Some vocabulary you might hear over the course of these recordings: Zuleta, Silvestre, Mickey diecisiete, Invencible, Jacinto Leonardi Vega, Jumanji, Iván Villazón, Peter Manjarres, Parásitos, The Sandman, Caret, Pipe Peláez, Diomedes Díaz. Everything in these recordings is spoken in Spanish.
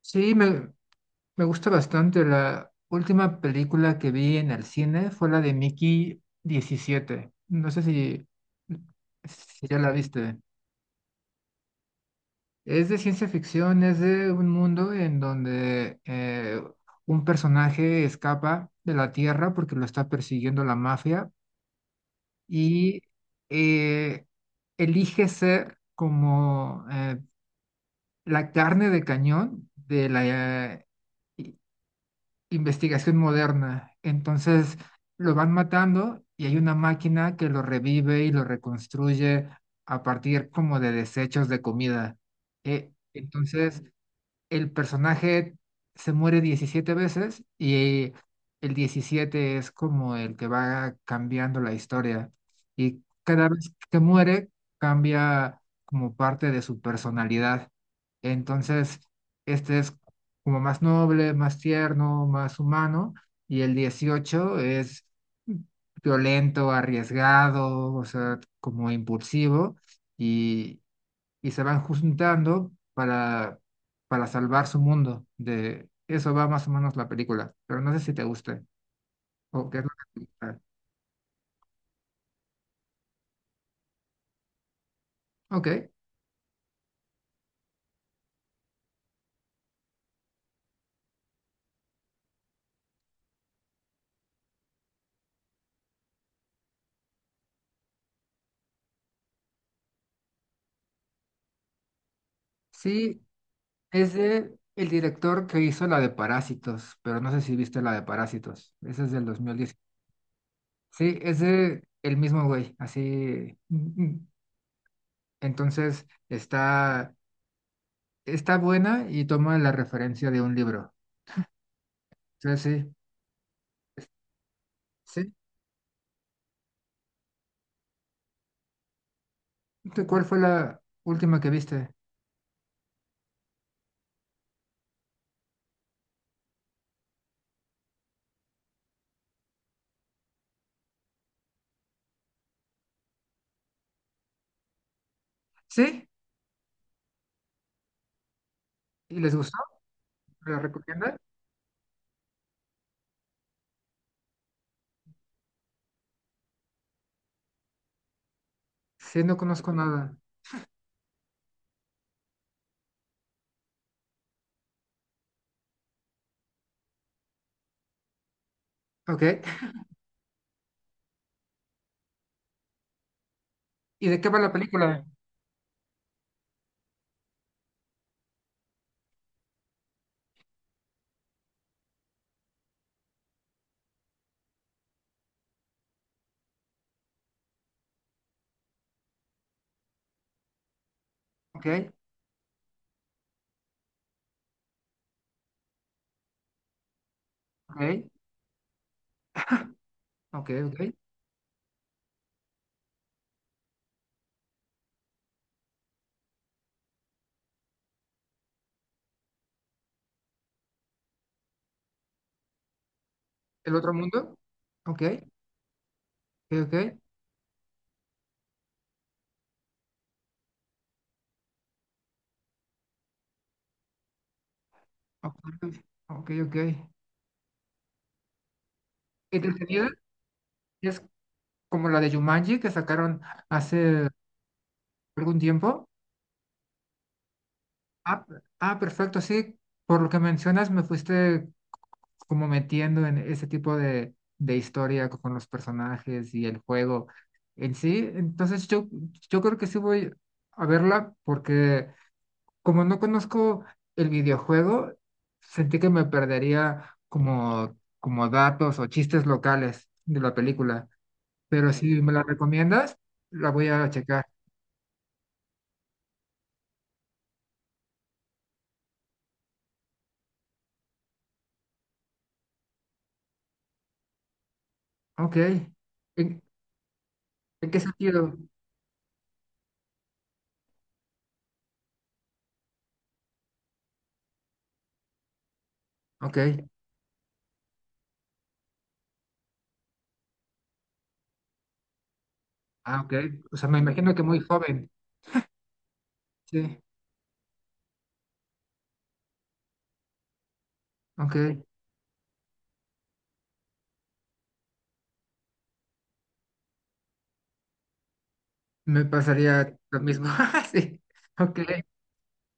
Sí, me gusta bastante. La última película que vi en el cine fue la de Mickey 17. No sé si ya la viste. Es de ciencia ficción, es de un mundo en donde un personaje escapa de la Tierra porque lo está persiguiendo la mafia, y eh, elige ser como la carne de cañón de la, eh, investigación moderna. Entonces lo van matando y hay una máquina que lo revive y lo reconstruye a partir como de desechos de comida. Entonces, el personaje se muere 17 veces, y el 17 es como el que va cambiando la historia. Y cada vez que muere, cambia como parte de su personalidad. Entonces, este es como más noble, más tierno, más humano. Y el 18 es violento, arriesgado, o sea, como impulsivo. Y, y se van juntando para salvar su mundo. De eso va más o menos la película, pero no sé si te guste o qué es lo que te gusta. Ok, sí, es de el director que hizo la de Parásitos, pero no sé si viste la de Parásitos. Esa es del 2010. Sí, es de el mismo güey, así. Mm, mm. Entonces está buena y toma la referencia de un libro. Sí, sí. Sí, ¿tú, cuál fue la última que viste? Sí, y les gustó. ¿Me la recomienda? Sí, no conozco nada. Ok. ¿Y de qué va la película? Ok, ok, ok, ok. ¿El otro mundo? Ok, ok, ok, ok, ok. ¿Entretenida? ¿Es como la de Jumanji que sacaron hace algún tiempo? Ah, perfecto, sí. Por lo que mencionas, me fuiste como metiendo en ese tipo de historia con los personajes y el juego en sí. Entonces yo creo que sí voy a verla, porque como no conozco el videojuego, sentí que me perdería como datos o chistes locales de la película. Pero si me la recomiendas, la voy a checar. Ok. ¿En, en qué sentido? Ok. Ah, ok. O sea, me imagino que muy joven. Sí. Ok. Me pasaría lo mismo. Sí. Ok.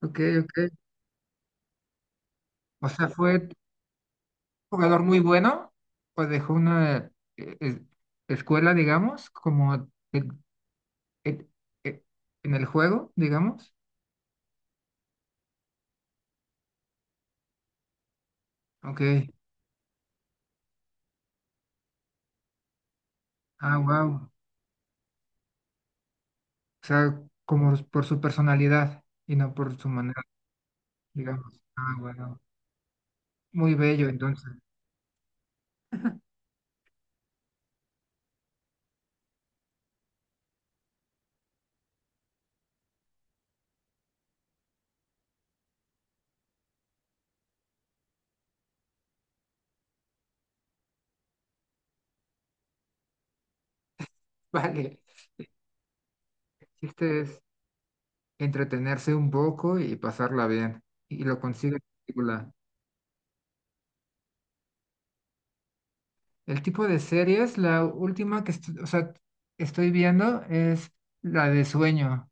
Ok, ok. O sea, ¿fue un jugador muy bueno? ¿O dejó una eh, es- escuela, digamos, como en, en- en el juego, digamos? Ok. Ah, wow. O sea, como por su personalidad y no por su manera, digamos. Ah, wow. Muy bello, entonces. Vale. El chiste es entretenerse un poco y pasarla bien. Y lo consigue la película. El tipo de series, la última que o sea, estoy viendo es la de Sueño.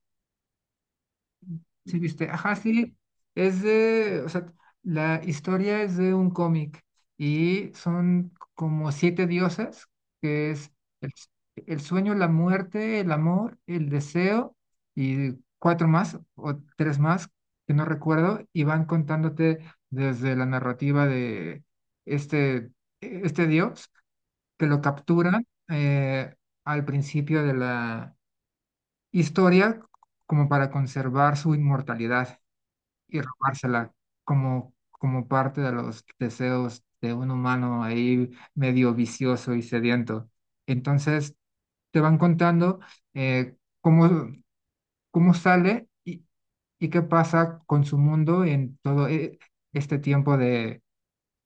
Sí, viste, ajá, sí, es de, o sea, la historia es de un cómic y son como siete diosas, que es el, s- el sueño, la muerte, el amor, el deseo, y cuatro más o tres más que no recuerdo, y van contándote desde la narrativa de este, este dios, que lo capturan al principio de la historia como para conservar su inmortalidad, y robársela como parte de los deseos de un humano ahí medio vicioso y sediento. Entonces, te van contando eh, cómo, cómo sale y qué pasa con su mundo en todo este tiempo de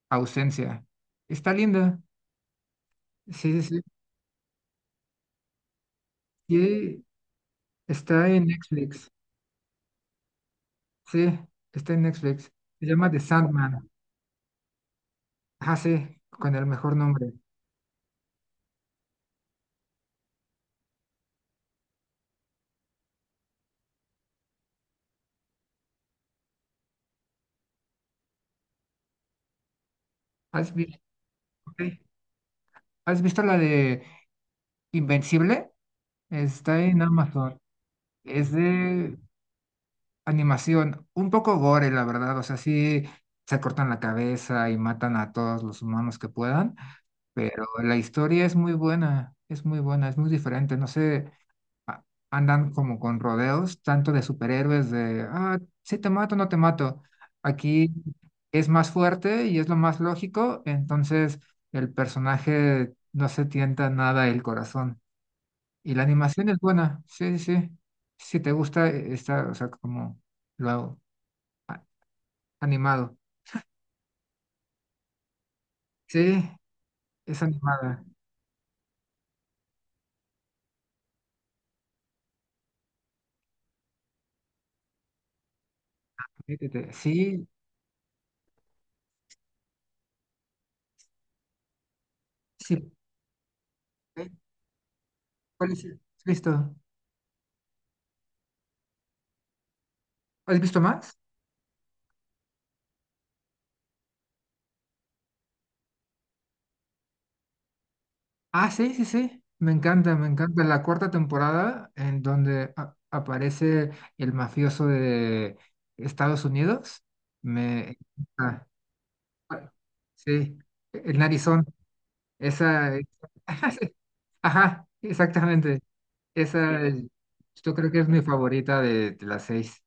ausencia. Está linda. Sí, sí, sí. Y está en Netflix. Sí, está en Netflix. Se llama The Sandman. Ah, sí, con el mejor nombre. ¿Has visto, ok, ¿Has visto la de Invencible? Está en Amazon. Es de animación, un poco gore, la verdad. O sea, sí se cortan la cabeza y matan a todos los humanos que puedan, pero la historia es muy buena, es muy buena, es muy diferente. No sé, a- andan como con rodeos, tanto de superhéroes, ah, sí te mato, no te mato. Aquí es más fuerte y es lo más lógico, entonces el personaje no se tienta nada el corazón. Y la animación es buena, sí, sí, sí. Si te gusta, está, o sea, como lo hago, animado. Sí, es animada. Métete. Sí, sí. ¿Eh? ¿Cuál es? ¿Has visto? ¿Has visto más? Ah, sí, sí, sí. Me encanta, me encanta. La cuarta temporada en donde aparece el mafioso de Estados Unidos. Me encanta. Ah, sí, el Arizona. Esa. Ajá, exactamente. Esa, yo creo que es mi favorita de las seis.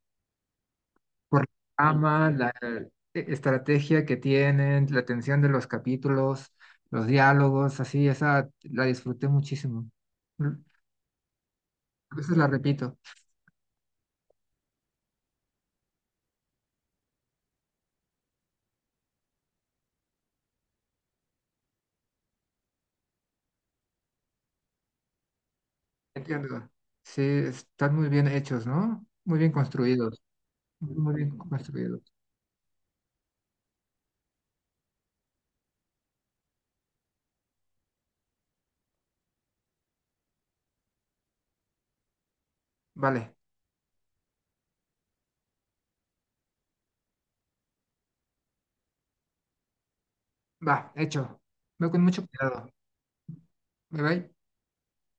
Por la trama, la estrategia que tienen, la tensión de los capítulos, los diálogos, así, esa la disfruté muchísimo. Mm, A veces la repito. Entiendo. Sí, están muy bien hechos, ¿no? Muy bien construidos. Muy bien construidos. Vale, va, hecho. Ve con mucho cuidado. Bye bye.